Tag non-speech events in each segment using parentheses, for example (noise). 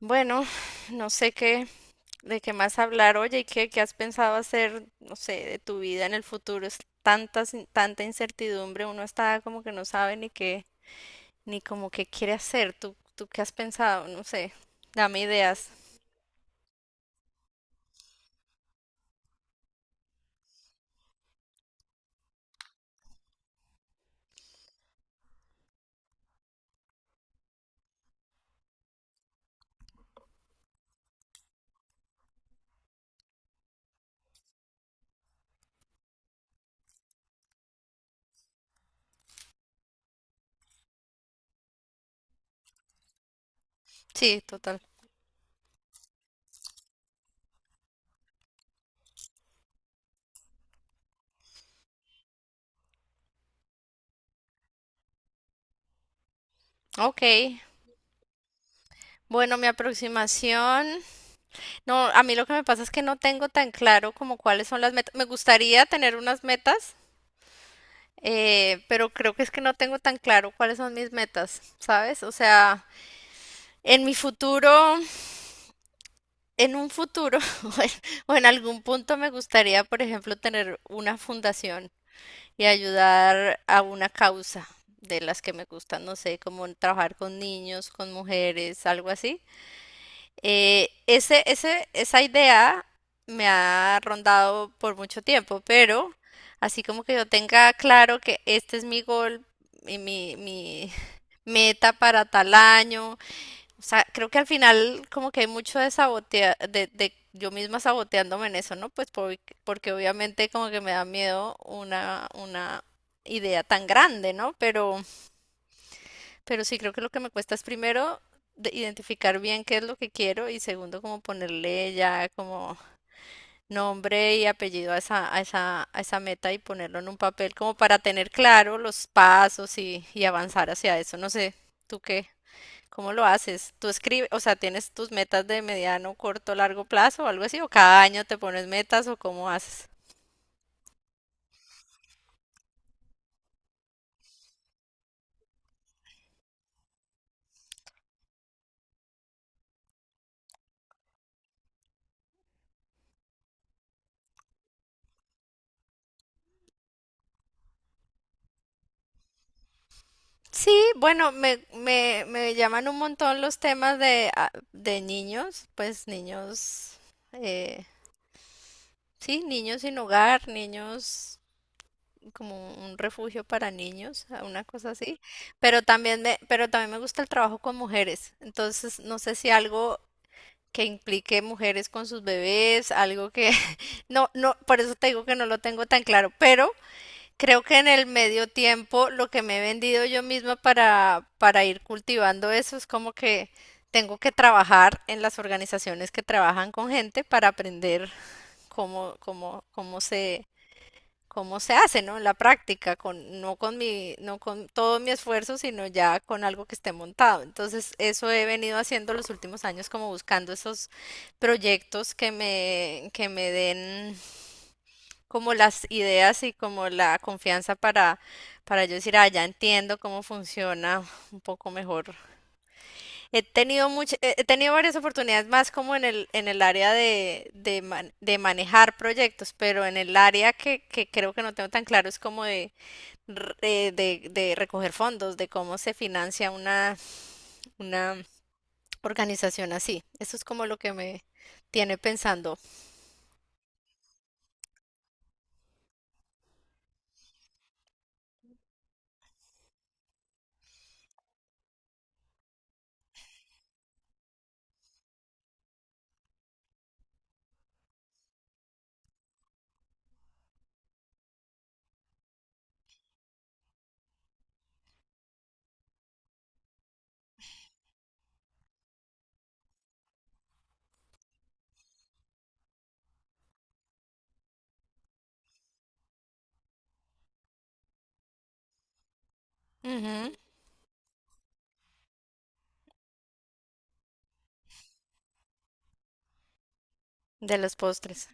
Bueno, (sighs) no sé qué, de qué más hablar. Oye, ¿y qué has pensado hacer, no sé, de tu vida en el futuro? Es tanta incertidumbre, uno está como que no sabe ni qué, ni como qué quiere hacer. ¿Tú qué has pensado? No sé, dame ideas. Sí, total. Ok. Bueno, mi aproximación. No, a mí lo que me pasa es que no tengo tan claro como cuáles son las metas. Me gustaría tener unas metas, pero creo que es que no tengo tan claro cuáles son mis metas, ¿sabes? O sea, en mi futuro, en un futuro (laughs) o en, o en algún punto me gustaría, por ejemplo, tener una fundación y ayudar a una causa de las que me gustan, no sé, como trabajar con niños, con mujeres, algo así. Esa idea me ha rondado por mucho tiempo, pero así como que yo tenga claro que este es mi gol y mi (laughs) meta para tal año. O sea, creo que al final como que hay mucho de sabotear, de yo misma saboteándome en eso, ¿no? Porque obviamente como que me da miedo una idea tan grande, ¿no? Pero sí creo que lo que me cuesta es primero identificar bien qué es lo que quiero y segundo como ponerle ya como nombre y apellido a a esa meta y ponerlo en un papel como para tener claro los pasos y avanzar hacia eso. No sé, ¿tú qué? ¿Cómo lo haces? ¿Tú escribes, o sea, tienes tus metas de mediano, corto, largo plazo o algo así? ¿O cada año te pones metas o cómo haces? Sí, bueno, me llaman un montón los temas de, ah, de niños, pues niños, eh, sí, niños sin hogar, niños como un refugio para niños, ah, una cosa así, pero también me gusta el trabajo con mujeres, entonces no sé si algo que implique mujeres con sus bebés, algo que (laughs) no, no, por eso te digo que no lo tengo tan claro, pero creo que en el medio tiempo lo que me he vendido yo misma para ir cultivando eso es como que tengo que trabajar en las organizaciones que trabajan con gente para aprender cómo, cómo, cómo se, cómo se hace, ¿no? En la práctica, con, no con mi, no con todo mi esfuerzo, sino ya con algo que esté montado. Entonces, eso he venido haciendo los últimos años, como buscando esos proyectos que me den como las ideas y como la confianza para yo decir, ah, ya entiendo cómo funciona un poco mejor. He tenido varias oportunidades más como en el área de manejar proyectos, pero en el área que creo que no tengo tan claro es como de recoger fondos, de cómo se financia una organización así. Eso es como lo que me tiene pensando. Ujú. De los postres.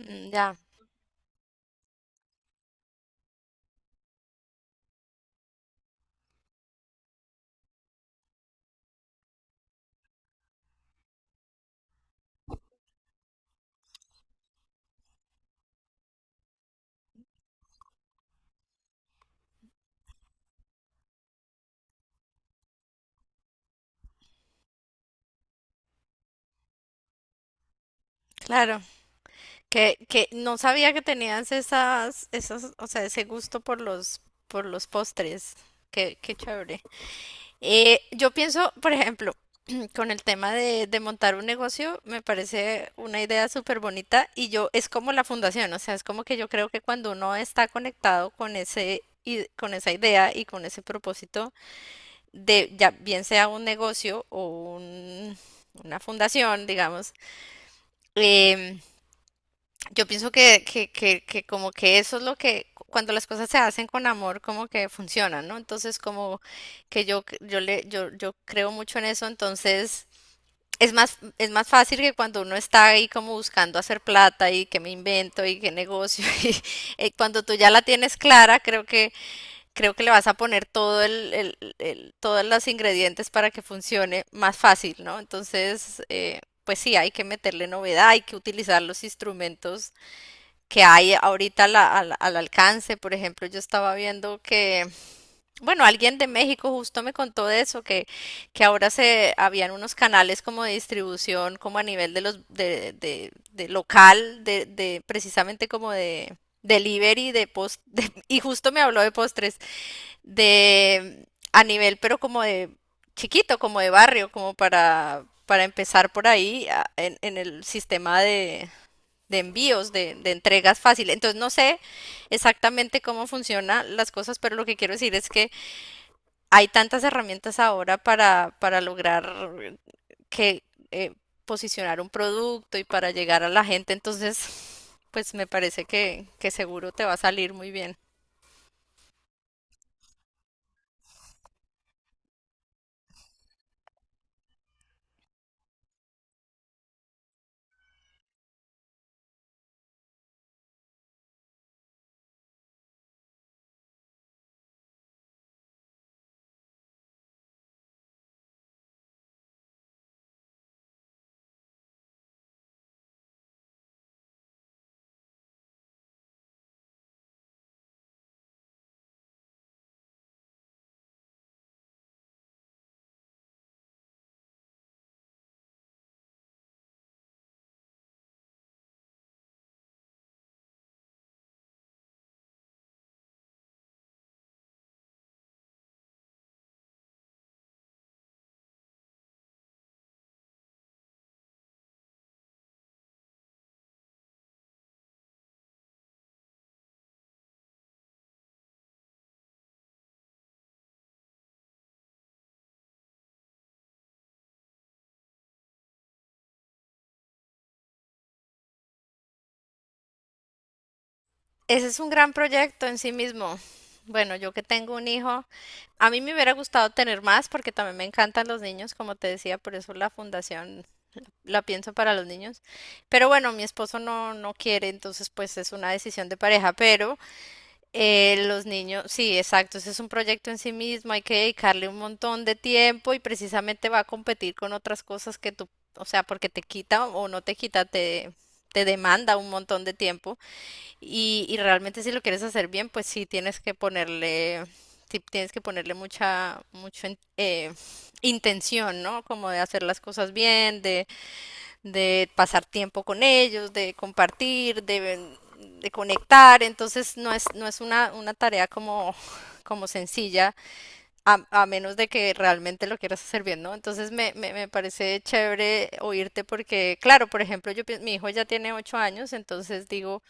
Mm. Ya, claro. Que no sabía que tenías o sea, ese gusto por los postres. Qué, qué chévere. Yo pienso, por ejemplo, (clears throat) con el tema de montar un negocio, me parece una idea súper bonita y yo es como la fundación, o sea, es como que yo creo que cuando uno está conectado con con esa idea y con ese propósito de ya bien sea un negocio una fundación, digamos, em, yo pienso que como que eso es lo que cuando las cosas se hacen con amor como que funcionan, ¿no? Entonces como que yo c- yo le yo yo creo mucho en eso, entonces es más fácil que cuando uno está ahí como buscando hacer plata y que me invento y que negocio (laughs) y cuando tú ya la tienes clara, creo que le vas a poner todo todos los ingredientes para que funcione más fácil, ¿no? Entonces pues sí, hay que meterle novedad, hay que utilizar los instrumentos que hay ahorita al alcance. Por ejemplo, yo estaba viendo que, bueno, alguien de México justo me contó de eso, que ahora se habían unos canales como de distribución, como a nivel de local, de precisamente como de delivery y justo me habló de postres, de a nivel, pero como de chiquito, como de barrio, como para empezar por ahí en el sistema de envíos, de entregas fácil. Entonces no sé exactamente cómo funcionan las cosas, pero lo que quiero decir es que hay tantas herramientas ahora para lograr que eh, posicionar un producto y para llegar a la gente. Entonces, pues me parece que seguro te va a salir muy bien. Ese es un gran proyecto en sí mismo. Bueno, yo que tengo un hijo, a mí me hubiera gustado tener más porque también me encantan los niños, como te decía, por eso la fundación la pienso para los niños. Pero bueno, mi esposo no quiere, entonces pues es una decisión de pareja, pero los niños, sí, exacto, ese es un proyecto en sí mismo, hay que dedicarle un montón de tiempo y precisamente va a competir con otras cosas que tú, o sea, porque te quita o no te quita, te demanda un montón de tiempo y realmente si lo quieres hacer bien, pues sí tienes que ponerle... Sí, tienes que ponerle mucho, intención, ¿no? Como de hacer las cosas bien, de pasar tiempo con ellos, de compartir, de conectar. Entonces no es una tarea como, (laughs) como sencilla, a menos de que realmente lo quieras hacer bien, ¿no? Entonces me parece chévere oírte porque, claro, por ejemplo, mi hijo ya tiene 8 años, entonces digo,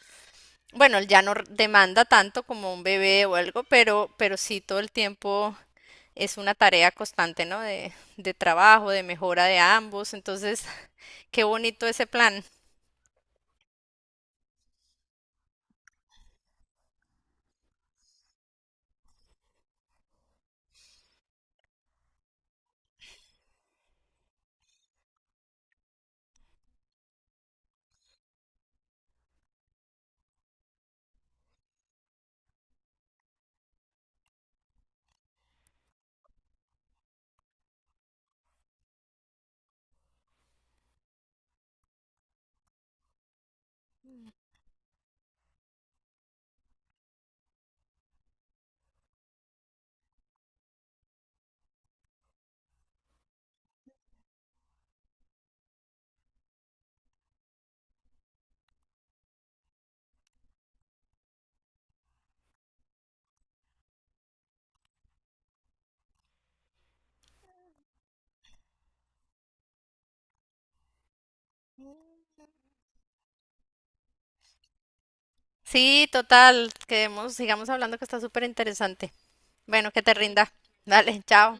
bueno, él ya no r- demanda tanto como un bebé o algo, pero sí todo el tiempo es una tarea constante, ¿no? De trabajo, de mejora de ambos. Entonces, qué bonito ese plan. Sí, total, quedemos, sigamos hablando que está súper interesante. Bueno, que te rinda. Dale, chao.